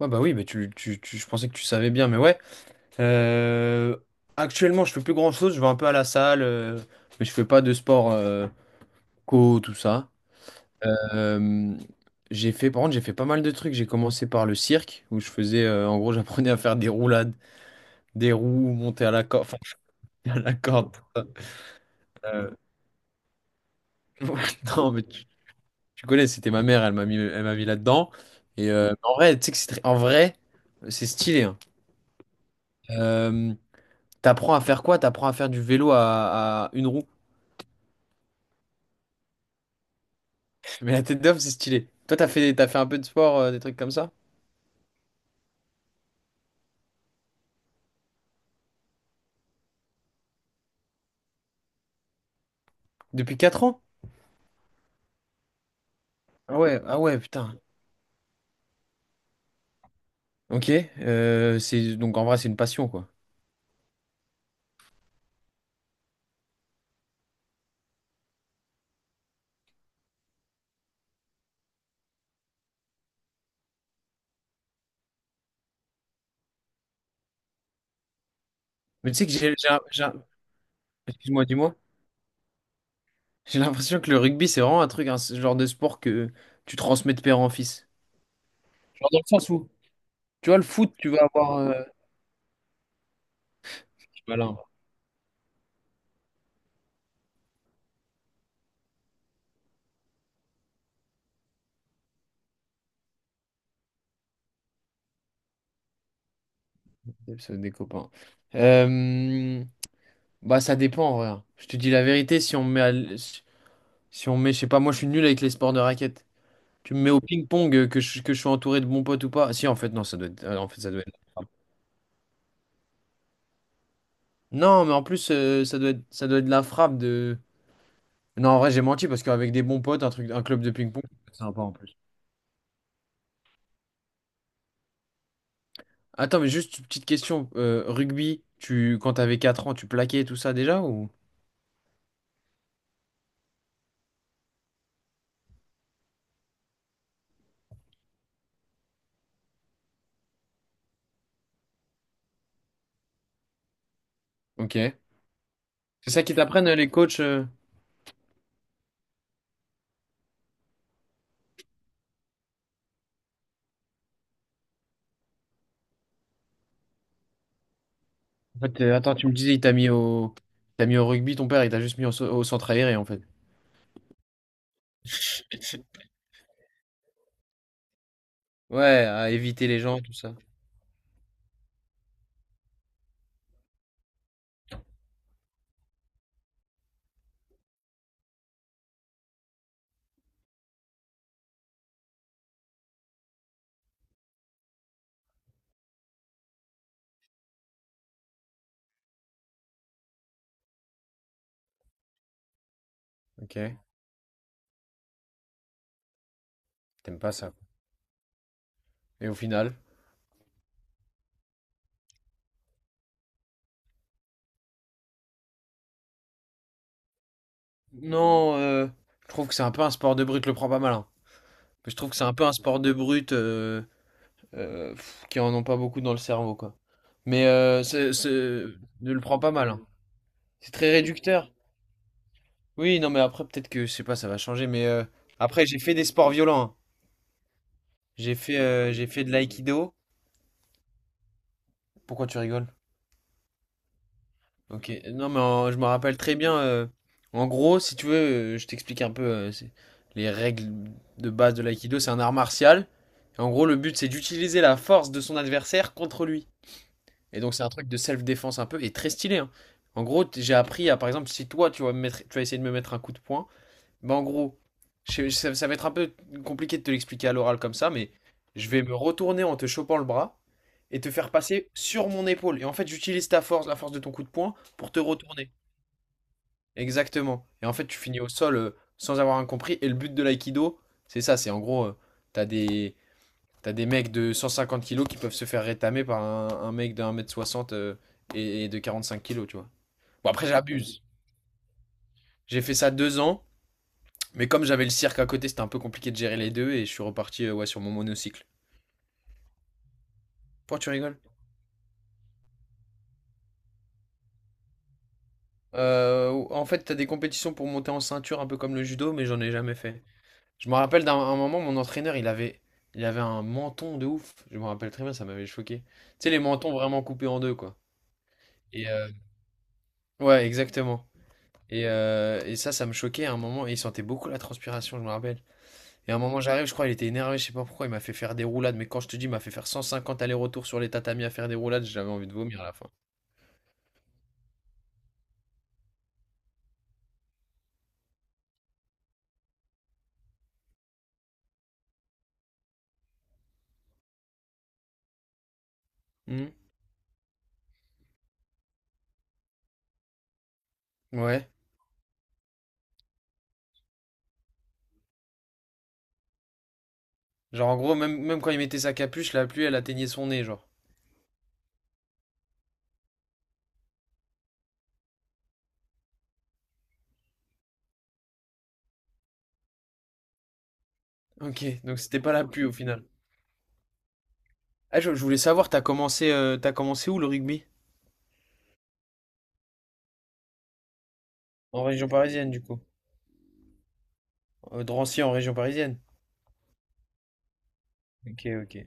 Ouais, bah oui, mais je pensais que tu savais bien, mais ouais. Euh, Actuellement, je fais plus grand-chose, je vais un peu à la salle, mais je fais pas de sport tout ça. Euh, j'ai fait, par contre, j'ai fait pas mal de trucs. J'ai commencé par le cirque, où je faisais, en gros, j'apprenais à faire des roulades, des roues, monter à la corde, enfin, à la corde. Euh, non, mais tu connais, c'était ma mère, elle m'a mis là-dedans. Et en vrai, tu sais que en vrai, c'est stylé, hein. Euh, T'apprends à faire quoi? T'apprends à faire du vélo à une roue. Mais la tête d'homme, c'est stylé. Toi, t'as fait un peu de sport, des trucs comme ça? Depuis 4 ans? Ah ouais, ah ouais, putain. Ok. Euh, c'est, donc en vrai, c'est une passion, quoi. Mais tu sais que excuse-moi, dis-moi. J'ai l'impression que le rugby, c'est vraiment un truc, un ce genre de sport que tu transmets de père en fils. Genre dans le sens où, tu vois, le foot, tu vas avoir, je suis malin, moi. C'est des copains. Euh, Bah, ça dépend, en vrai, hein. Je te dis la vérité, si on me met à, l- si on met, je sais pas, moi je suis nul avec les sports de raquettes. Tu me mets au ping-pong, que que je sois entouré de bons potes ou pas. Si, en fait, non, ça doit être, en fait, ça doit être la frappe. Non, mais en plus, ça doit être la frappe de. Non, en vrai, j'ai menti parce qu'avec des bons potes, un truc, un club de ping-pong, c'est sympa en plus. Attends, mais juste une petite question. Euh, rugby, tu, quand t'avais 4 ans, tu plaquais tout ça déjà ou? Ok. C'est ça qu'ils t'apprennent, les coachs. En fait, attends, tu me disais, il t'a mis au rugby, ton père, il t'a juste mis au centre aéré en fait. Ouais, à éviter les gens, tout ça. Ok. T'aimes pas ça, quoi. Et au final, non, je trouve que c'est un peu un sport de brute, le prends pas mal, hein. Je trouve que c'est un peu un sport de brute, qui en ont pas beaucoup dans le cerveau, quoi. Mais c'est- ne le prends pas mal, hein. C'est très réducteur. Oui, non, mais après, peut-être que, je sais pas, ça va changer. Mais après, j'ai fait des sports violents, hein. J'ai fait de l'aïkido. Pourquoi tu rigoles? Ok, non, je me rappelle très bien. Euh, en gros, si tu veux, je t'explique un peu, les règles de base de l'aïkido. C'est un art martial. Et en gros, le but c'est d'utiliser la force de son adversaire contre lui. Et donc c'est un truc de self-défense un peu et très stylé, hein. En gros, j'ai appris à, par exemple, si toi tu vas me mettre, tu vas essayer de me mettre un coup de poing, bah en gros, ça, ça va être un peu compliqué de te l'expliquer à l'oral comme ça, mais je vais me retourner en te chopant le bras et te faire passer sur mon épaule. Et en fait, j'utilise ta force, la force de ton coup de poing, pour te retourner. Exactement. Et en fait, tu finis au sol, sans avoir rien compris, et le but de l'aïkido, c'est ça, c'est en gros, tu des t'as des mecs de 150 kilos qui peuvent se faire rétamer par un mec de 1 mètre 60, et de 45 kilos, tu vois? Bon, après j'abuse. J'ai fait ça 2 ans, mais comme j'avais le cirque à côté, c'était un peu compliqué de gérer les 2, et je suis reparti, ouais, sur mon monocycle. Pourquoi tu rigoles? En fait, t'as des compétitions pour monter en ceinture un peu comme le judo, mais j'en ai jamais fait. Je me rappelle d'un un moment, mon entraîneur, il avait un menton de ouf. Je me rappelle très bien, ça m'avait choqué. Tu sais, les mentons vraiment coupés en deux, quoi. Et ouais, exactement. Et ça, ça me choquait à un moment. Et il sentait beaucoup la transpiration, je me rappelle. Et à un moment, j'arrive, je crois, il était énervé, je sais pas pourquoi, il m'a fait faire des roulades. Mais quand je te dis, il m'a fait faire 150 allers-retours sur les tatamis à faire des roulades, j'avais envie de vomir à la fin. Mhm. Ouais. Genre, en gros, même, même quand il mettait sa capuche, la pluie, elle atteignait son nez, genre. Ok, donc c'était pas la pluie au final. Ah, je voulais savoir, t'as commencé où le rugby? En région parisienne, du coup. Drancy en région parisienne. Ok, ok.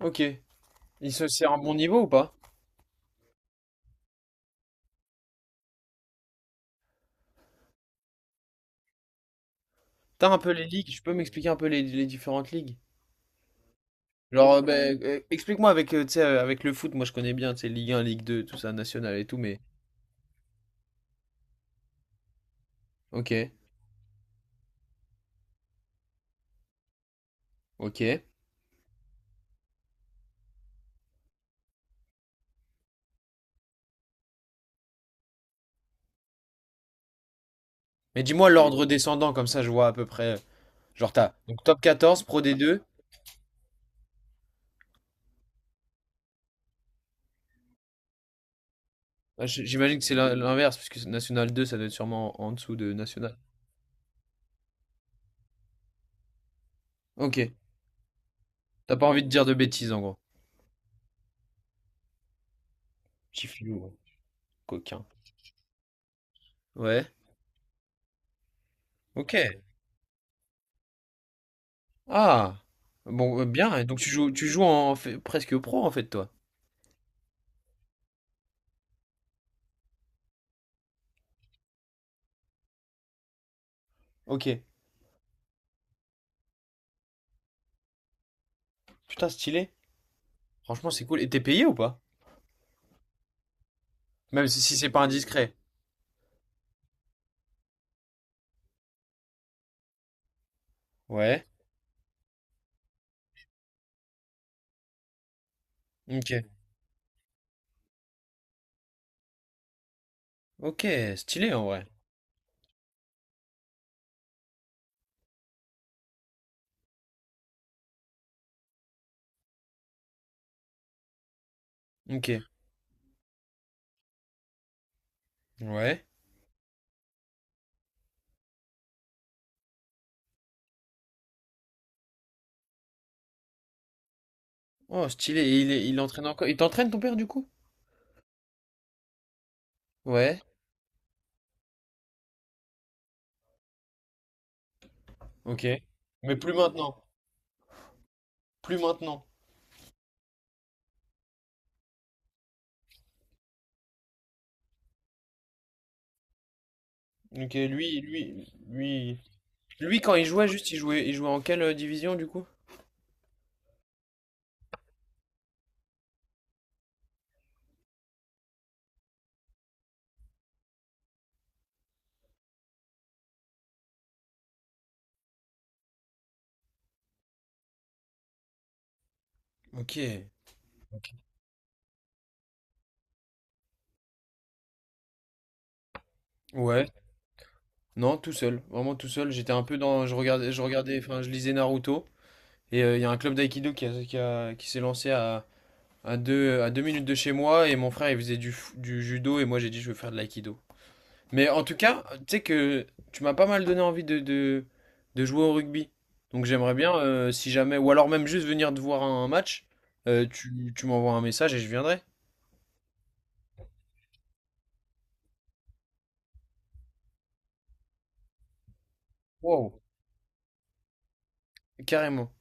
Ok. Et se c'est un bon niveau ou pas? T'as un peu les ligues, je peux m'expliquer un peu les différentes ligues? Genre, explique-moi avec, tu sais, avec le foot, moi je connais bien, tu sais, Ligue 1, Ligue 2, tout ça, national et tout, mais... Ok, ok. Mais dis-moi l'ordre descendant, comme ça je vois à peu près... Genre t'as, donc Top 14 Pro D2. Ah, j'imagine que c'est l'inverse, parce que National 2, ça doit être sûrement en dessous de National. Ok, t'as pas envie de dire de bêtises en gros. Petit filou, hein. Coquin. Ouais, ok. Ah! Bon, bien. Donc tu joues presque pro en fait, toi. Ok. Putain, stylé. Franchement, c'est cool. Et t'es payé ou pas? Même si c'est pas indiscret. Ouais. Ok. Ok, stylé en vrai. Ok. Ouais. Oh, stylé. Et il entraîne encore. Il t'entraîne, ton père, du coup? Ouais. Ok. Mais plus maintenant. Plus maintenant. Ok, Lui, quand il jouait, juste, il jouait en quelle division du coup? Ok. Ouais. Non, tout seul. Vraiment tout seul. J'étais un peu dans. Je regardais, enfin, je lisais Naruto. Et il y a un club d'aïkido qui s'est lancé à 2 minutes de chez moi. Et mon frère, il faisait du judo. Et moi, j'ai dit, je veux faire de l'aïkido. Mais en tout cas, tu sais que tu m'as pas mal donné envie de jouer au rugby. Donc j'aimerais bien, si jamais, ou alors même juste venir te voir un match, tu m'envoies un message et je viendrai. Wow. Carrément.